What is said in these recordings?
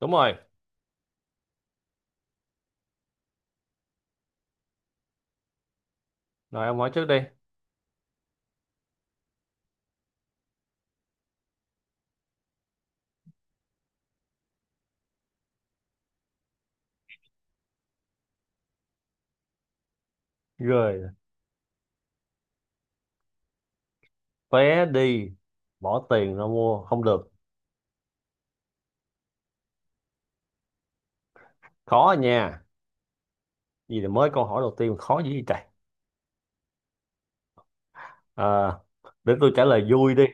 Đúng rồi. Rồi ông hỏi trước đi. Rồi, vé đi, bỏ tiền ra mua không được, khó à nha. Gì là mới câu hỏi đầu tiên mà khó dữ vậy trời. à, để tôi trả lời vui đi.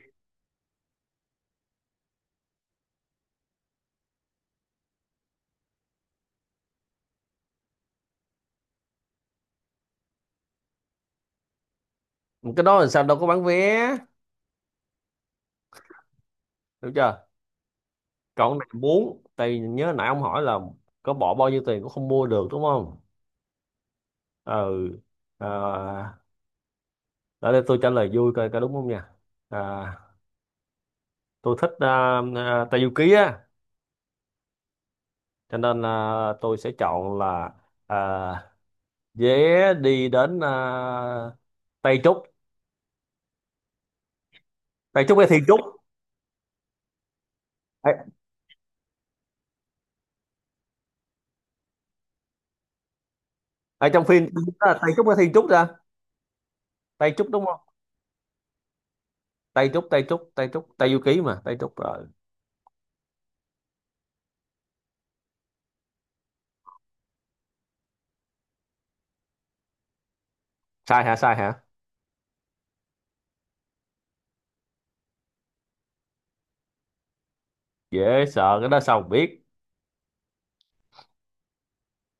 Cái đó là sao, đâu có bán vé. Được chưa. Còn cái này muốn tại vì nhớ nãy ông hỏi là có bỏ bao nhiêu tiền cũng không mua được đúng không. Ừ. à, để đây tôi trả lời vui coi có đúng không nha. à, tôi thích Tây Du Ký á, cho nên là tôi sẽ chọn là, à, vé đi đến, Tây Trúc. Tây Trúc hay Thiên Trúc. Ở, ở trong phim, Tây Trúc hay Thiên Trúc ra. Tây Trúc đúng không. Tây Trúc, Tây Trúc, Tây Trúc, Tây Du Ký mà Tây Trúc rồi. Sai hả? Sai hả? Dễ sợ, cái đó sao mà biết.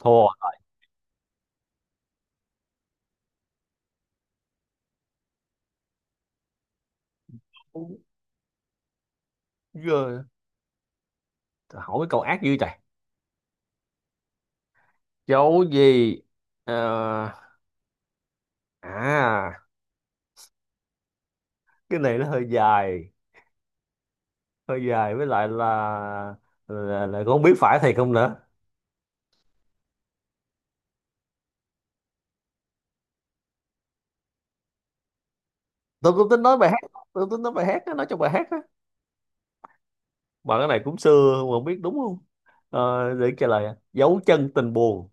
Thua. Giờ, hỏi mấy câu ác dữ trời. Chỗ gì. Ờ, à cái này nó hơi dài, hơi dài với lại là không biết phải thiệt không nữa. Tôi cũng tính nói bài hát, tôi tính nói bài hát á, nói trong bài hát á. Bạn cái này cũng xưa mà không biết đúng không. Để trả lời ạ, dấu chân tình buồn.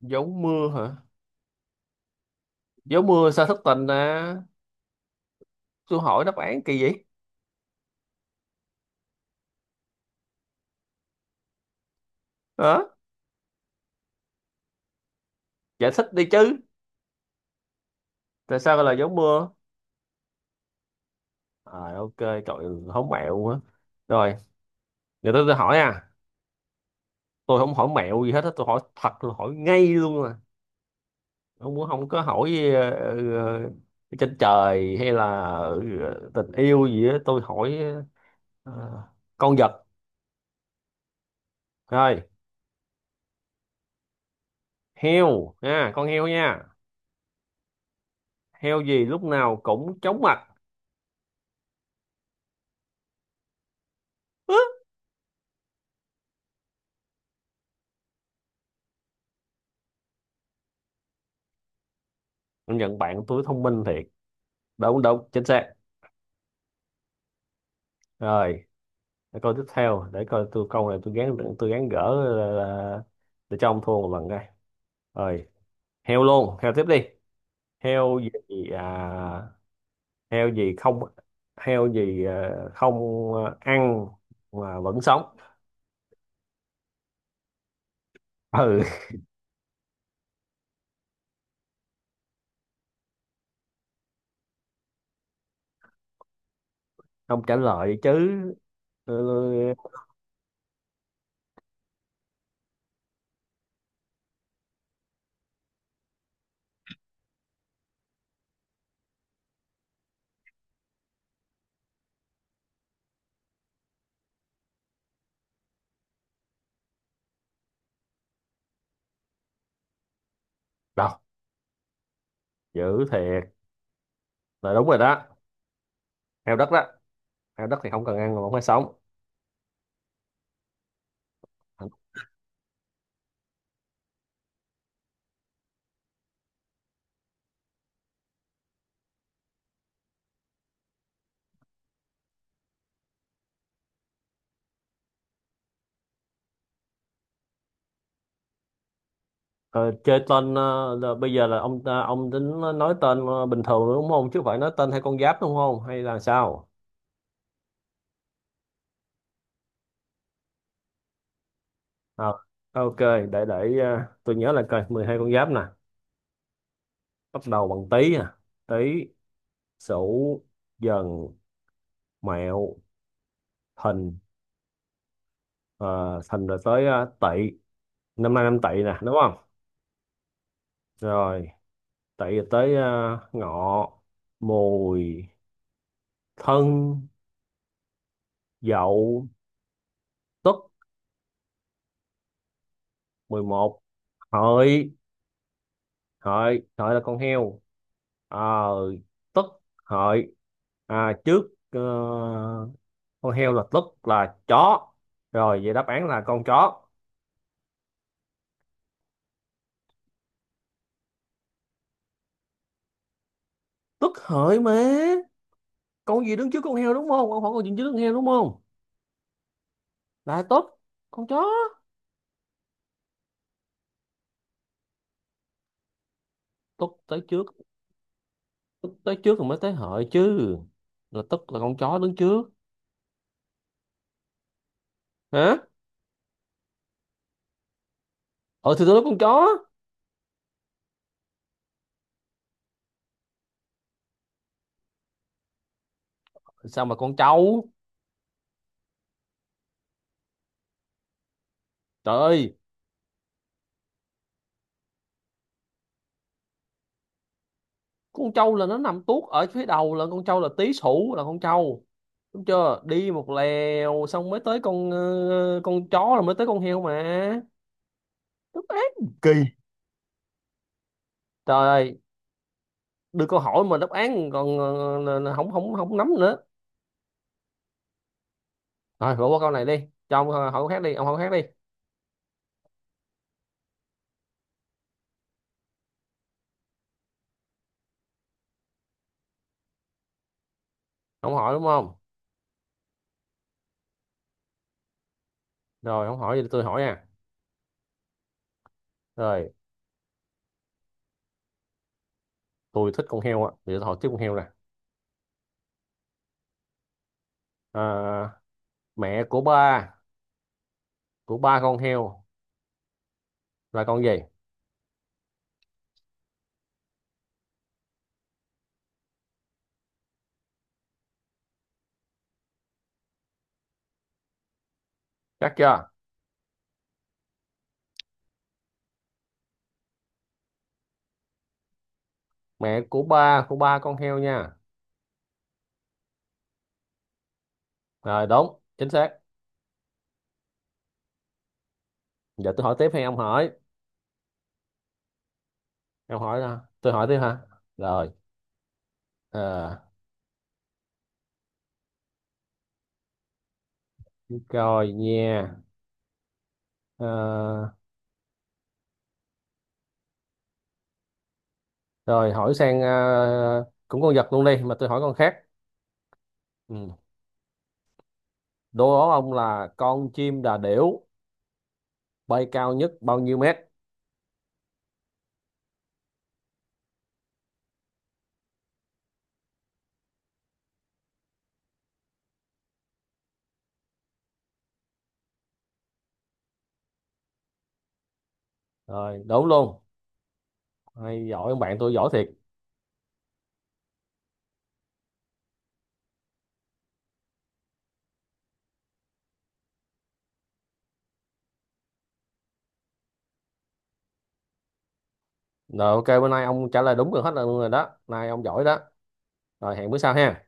Dấu mưa hả? Dấu mưa sao thất tình? À, tôi hỏi đáp án kỳ vậy hả? Giải thích đi chứ, tại sao gọi là dấu mưa. À ok trời ơi, hổng mẹo quá. Rồi, giờ tôi hỏi à. Tôi không hỏi mẹo gì hết á, tôi hỏi thật, tôi hỏi ngay luôn à. Không muốn không có hỏi. uh, Trên trời hay là tình yêu gì á tôi hỏi. ờ, con vật. Rồi, heo nha, con heo nha. Heo gì lúc nào cũng chóng mặt. Hứ. Công nhận bạn tôi thông minh thiệt. Đúng đúng, chính xác. Rồi, để coi tiếp theo, để coi tôi câu này, tôi gán gỡ là, để cho ông thua một lần đây. Rồi, heo luôn, heo tiếp đi. Heo gì. à, Heo gì không. Heo gì. Không. Ăn mà vẫn sống. Ừ. Không trả lời chứ. Ừ. Đâu, dữ thiệt, là đúng rồi đó. Heo đất đó. Heo đất thì không cần ăn mà vẫn phải sống. Ờ, Chơi tên, là bây giờ là ông tính nói tên bình thường đúng không, chứ không phải nói tên hay con giáp đúng không hay là sao. Ờ, ok, để tôi nhớ là coi 12 con giáp nè. Bắt đầu bằng tý nè. Tý, sửu, dần, mẹo, thìn. Ờ, thìn rồi tới tỵ. Năm nay năm tỵ nè đúng không. Rồi, tỵ rồi tới ngọ, mùi, thân, dậu, tuất, 11, hợi hợi hợi là con heo. à, Tức hợi. Trước con heo là tức là chó. Rồi vậy đáp án là con chó. Tức hợi mà. Con gì đứng trước con heo đúng không, con hỏi con gì đứng trước con heo đúng không, là tức con chó. Tức tới trước, tức tới trước rồi mới tới hợi chứ. Là tức là con chó đứng trước. Hả? Ờ thì tôi nói con chó. Sao mà con trâu. Trời ơi. Con trâu là nó nằm tuốt ở phía đầu, là con trâu là tý sủ là con trâu, đúng chưa, đi một lèo xong mới tới con con chó, là mới tới con heo mà. Đáp án kỳ. Trời ơi, đưa câu hỏi mà đáp án còn không không không nắm nữa. Rồi bỏ qua câu này đi, cho ông hỏi câu khác đi, ông hỏi câu khác đi. Ông hỏi đúng không. Rồi ông hỏi thì tôi hỏi nha. Rồi, tôi thích con heo á thì tôi hỏi tiếp con heo nè. à, Mẹ của ba, của ba con heo là con gì. Chắc chưa. Mẹ của ba con heo nha. Rồi đúng chính xác. Giờ tôi hỏi tiếp hay ông hỏi. Ông hỏi ra tôi hỏi tiếp hả. Rồi. à, Rồi nha. Ờ, Rồi hỏi sang cũng con vật luôn đi mà tôi hỏi con khác. Ừ. Đố ông là con chim đà điểu bay cao nhất bao nhiêu mét. Rồi đúng luôn, hay giỏi, ông bạn tôi giỏi thiệt. Rồi ok, bữa nay ông trả lời đúng rồi hết luôn rồi đó, nay ông giỏi đó. Rồi hẹn bữa sau ha.